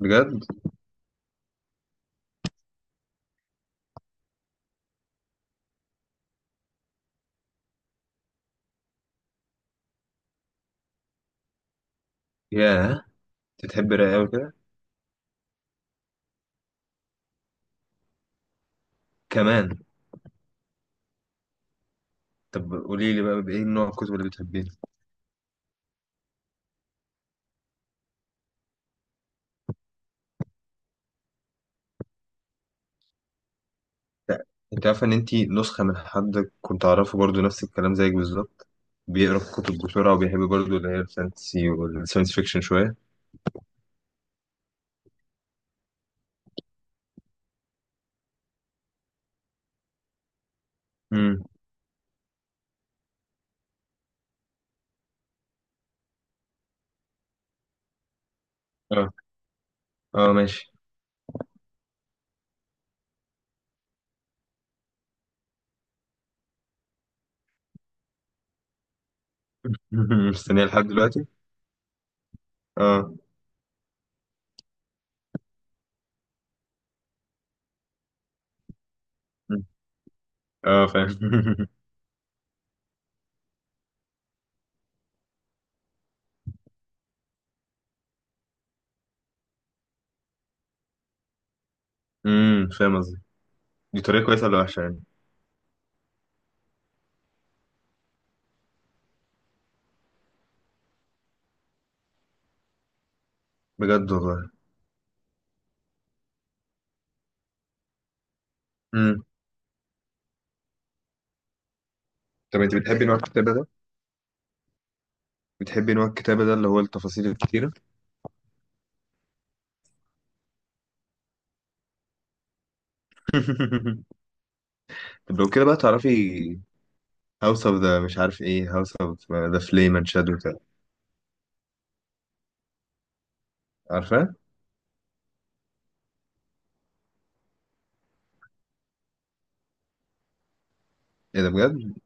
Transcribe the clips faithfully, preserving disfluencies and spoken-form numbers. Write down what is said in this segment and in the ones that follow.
بجد. ياه. انت بتحب الرواية قوي كده كمان؟ طب قولي لي بقى بايه نوع الكتب اللي بتحبيه؟ لا، انت عارفه ان انت نسخه من حد كنت اعرفه، برضو نفس الكلام زيك بالظبط. بيقرا الكتب بسرعه وبيحب برضو اللي هي الفانتسي والساينس فيكشن شويه. امم. اه، اه، ماشي. مستنيه لحد دلوقتي. اه. مم. اه، فاهم. امم فاهم قصدي. دي طريقه كويسه ولا وحشه يعني؟ بجد والله. امم طب انت بتحبي نوع الكتابه ده بتحبي نوع الكتابه ده اللي هو التفاصيل الكتيره؟ طب لو كده بقى تعرفي هاوس اوف ذا مش عارف ايه، هاوس اوف ذا فليم اند شادو كده. عارفه؟ ايه ده بجد؟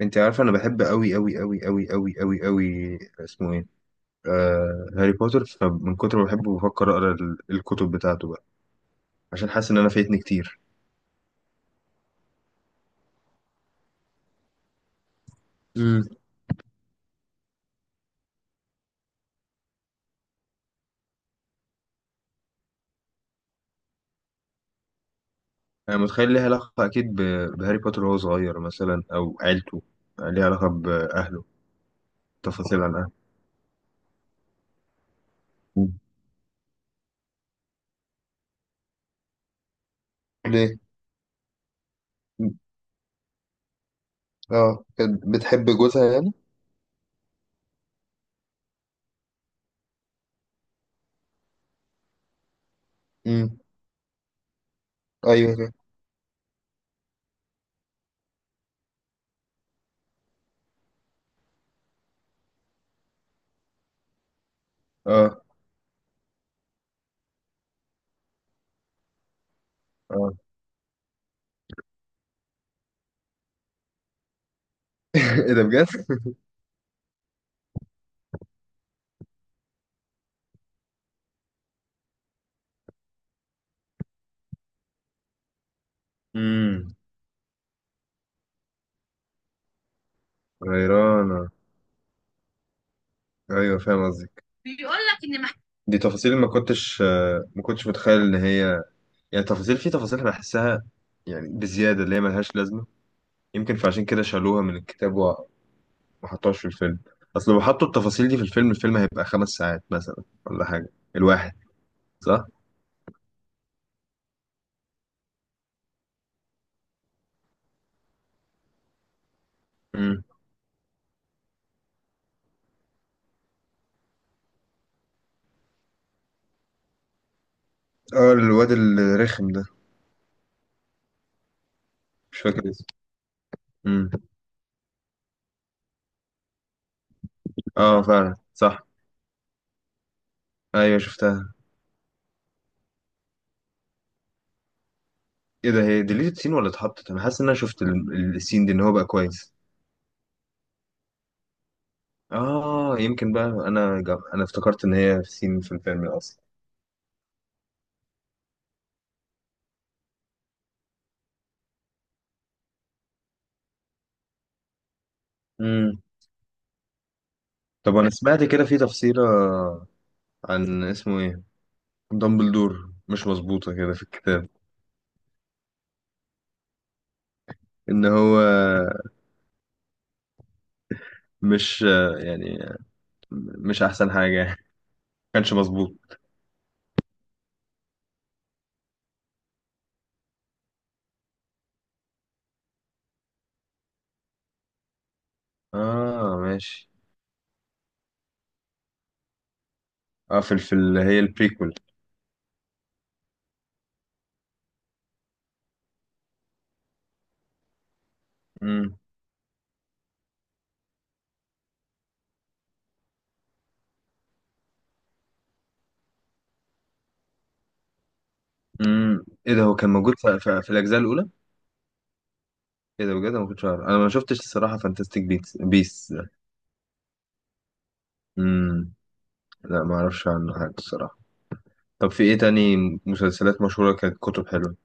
انت عارفه انا بحب قوي قوي قوي قوي قوي قوي قوي اسمه ايه، آه... هاري بوتر. فمن كتر ما بحبه بفكر اقرا ال- الكتب بتاعته بقى، عشان حاسس ان انا فايتني كتير. امم. انا متخيل ليها علاقه اكيد ب... بهاري بوتر وهو صغير مثلا او عيلته. ليها علاقه باهله. تفاصيل عن اهله. مم. ليه؟ اه، كانت بتحب جوزها يعني. امم. ايوه كده. اه، اه. ايه ده بجد؟ مم. غيرانة. أيوة، فاهم قصدك، بيقول لك ان مح... دي تفاصيل ما كنتش آه، ما كنتش متخيل إن هي، يعني تفاصيل في تفاصيل أنا بحسها، يعني بزيادة اللي هي ملهاش لازمة. يمكن فعشان كده شالوها من الكتاب وما حطوهاش في الفيلم. أصل لو حطوا التفاصيل دي في الفيلم، الفيلم هيبقى خمس ساعات مثلا ولا حاجة الواحد، صح؟ امم. اه، الواد الرخم ده. مش فاكر اسمه. امم. اه، فعلا صح. أيوة شفتها. إيه ده، هي ديليتد سين ولا اتحطت؟ أنا حاسس إن أنا شفت ال- ال- السين دي إن هو بقى كويس. اه، يمكن بقى انا جا... انا افتكرت ان هي في سين في الفيلم اصلا. امم. طب انا سمعت كده في تفسيرة عن اسمه ايه دامبلدور، مش مظبوطة كده في الكتاب، ان هو مش آه، يعني مش احسن حاجة يعني، ما كانش مظبوط. اه ماشي. اه، في في اللي هي البريكول. امم امم ايه ده، هو كان موجود في, في, في الاجزاء الاولى؟ ايه ده بجد، انا ما كنتش عارف. انا ما شفتش الصراحة فانتستيك بيتس بيس. امم. لا، ما اعرفش عنه حاجة الصراحة. طب في ايه تاني مسلسلات مشهورة كانت كتب حلوة؟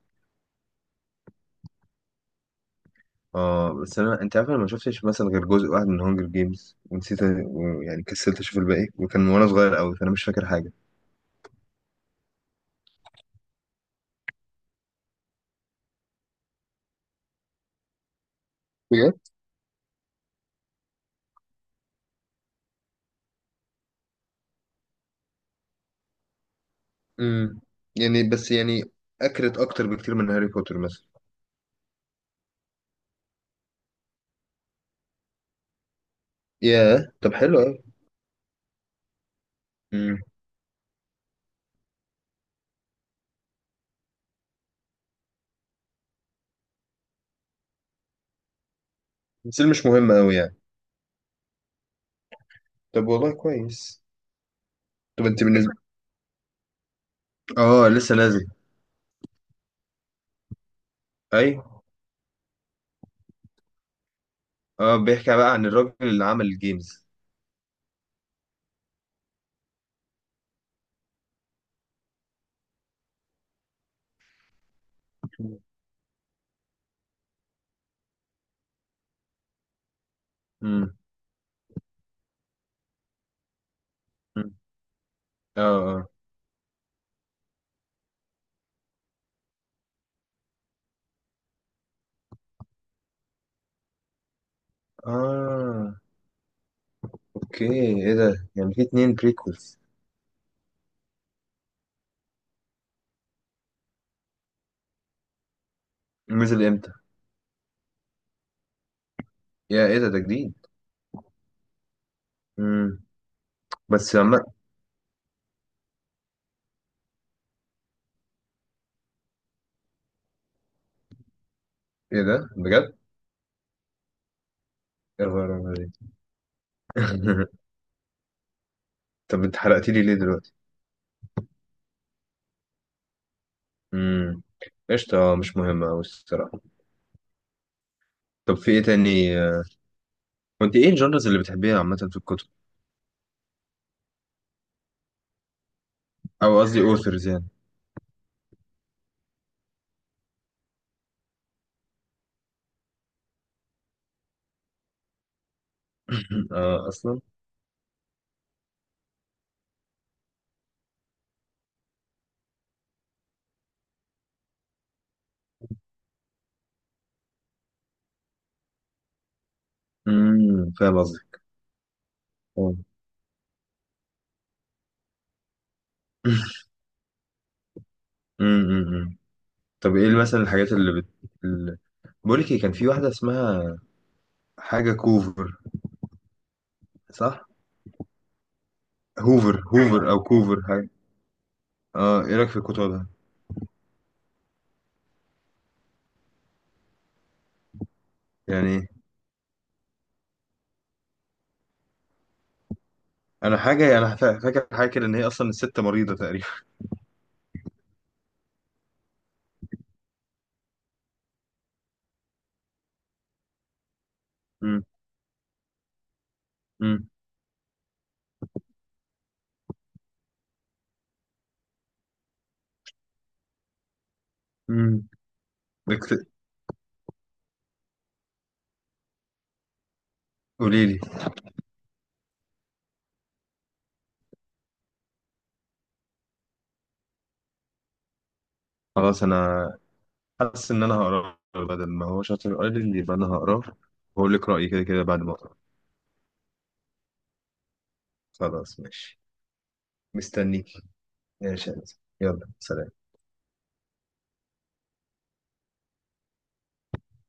اه، بس انا، انت عارف، انا ما شفتش مثلا غير جزء واحد من هونجر جيمز ونسيت و- يعني كسلت اشوف الباقي، وكان وانا صغير قوي، فانا مش فاكر حاجة. بجد. امم يعني بس، يعني اكرت اكتر بكتير من هاري بوتر مثلا. ياه، طب حلو قوي. امم بس اللي مش مهم قوي يعني. طب والله كويس. طب انت بالنسبة. اه، لسه نازل. ايوه. اه، بيحكي بقى عن الراجل اللي عمل الجيمز. امم. اه، اه، اه، اوكي. ايه ده، يعني في اتنين بريكولز؟ نزل امتى؟ يا ايه ده، ده جديد. امم بس لما. ايه ده بجد؟ يا خبر أبيض. طب انت حرقت لي ليه دلوقتي؟ امم قشطة، آه، مش مهمة أوي الصراحة. طب في ايه تاني؟ وانت ايه الجانرز اللي بتحبيها عامة في الكتب؟ او قصدي اوثرز يعني. اه اصلا. امم فاهم قصدي. امم طب ايه مثلا الحاجات اللي بت... اللي... بقول لك ايه، كان في واحدة اسمها حاجة كوفر، صح؟ هوفر، هوفر او كوفر. اه، ايه رايك في كتبها؟ يعني انا حاجه، انا فا- فاكر حاجه كده، ان هي اصلا الست مريضه تقريبا. امم امم امم قولي لي. خلاص، انا حاسس ان انا هقراه بدل ما هو شاطر قال لي، يبقى انا هقراه وهقول لك رايي كده كده بعد ما اقراه. خلاص ماشي. مستنيك يا شاهد. يلا سلام.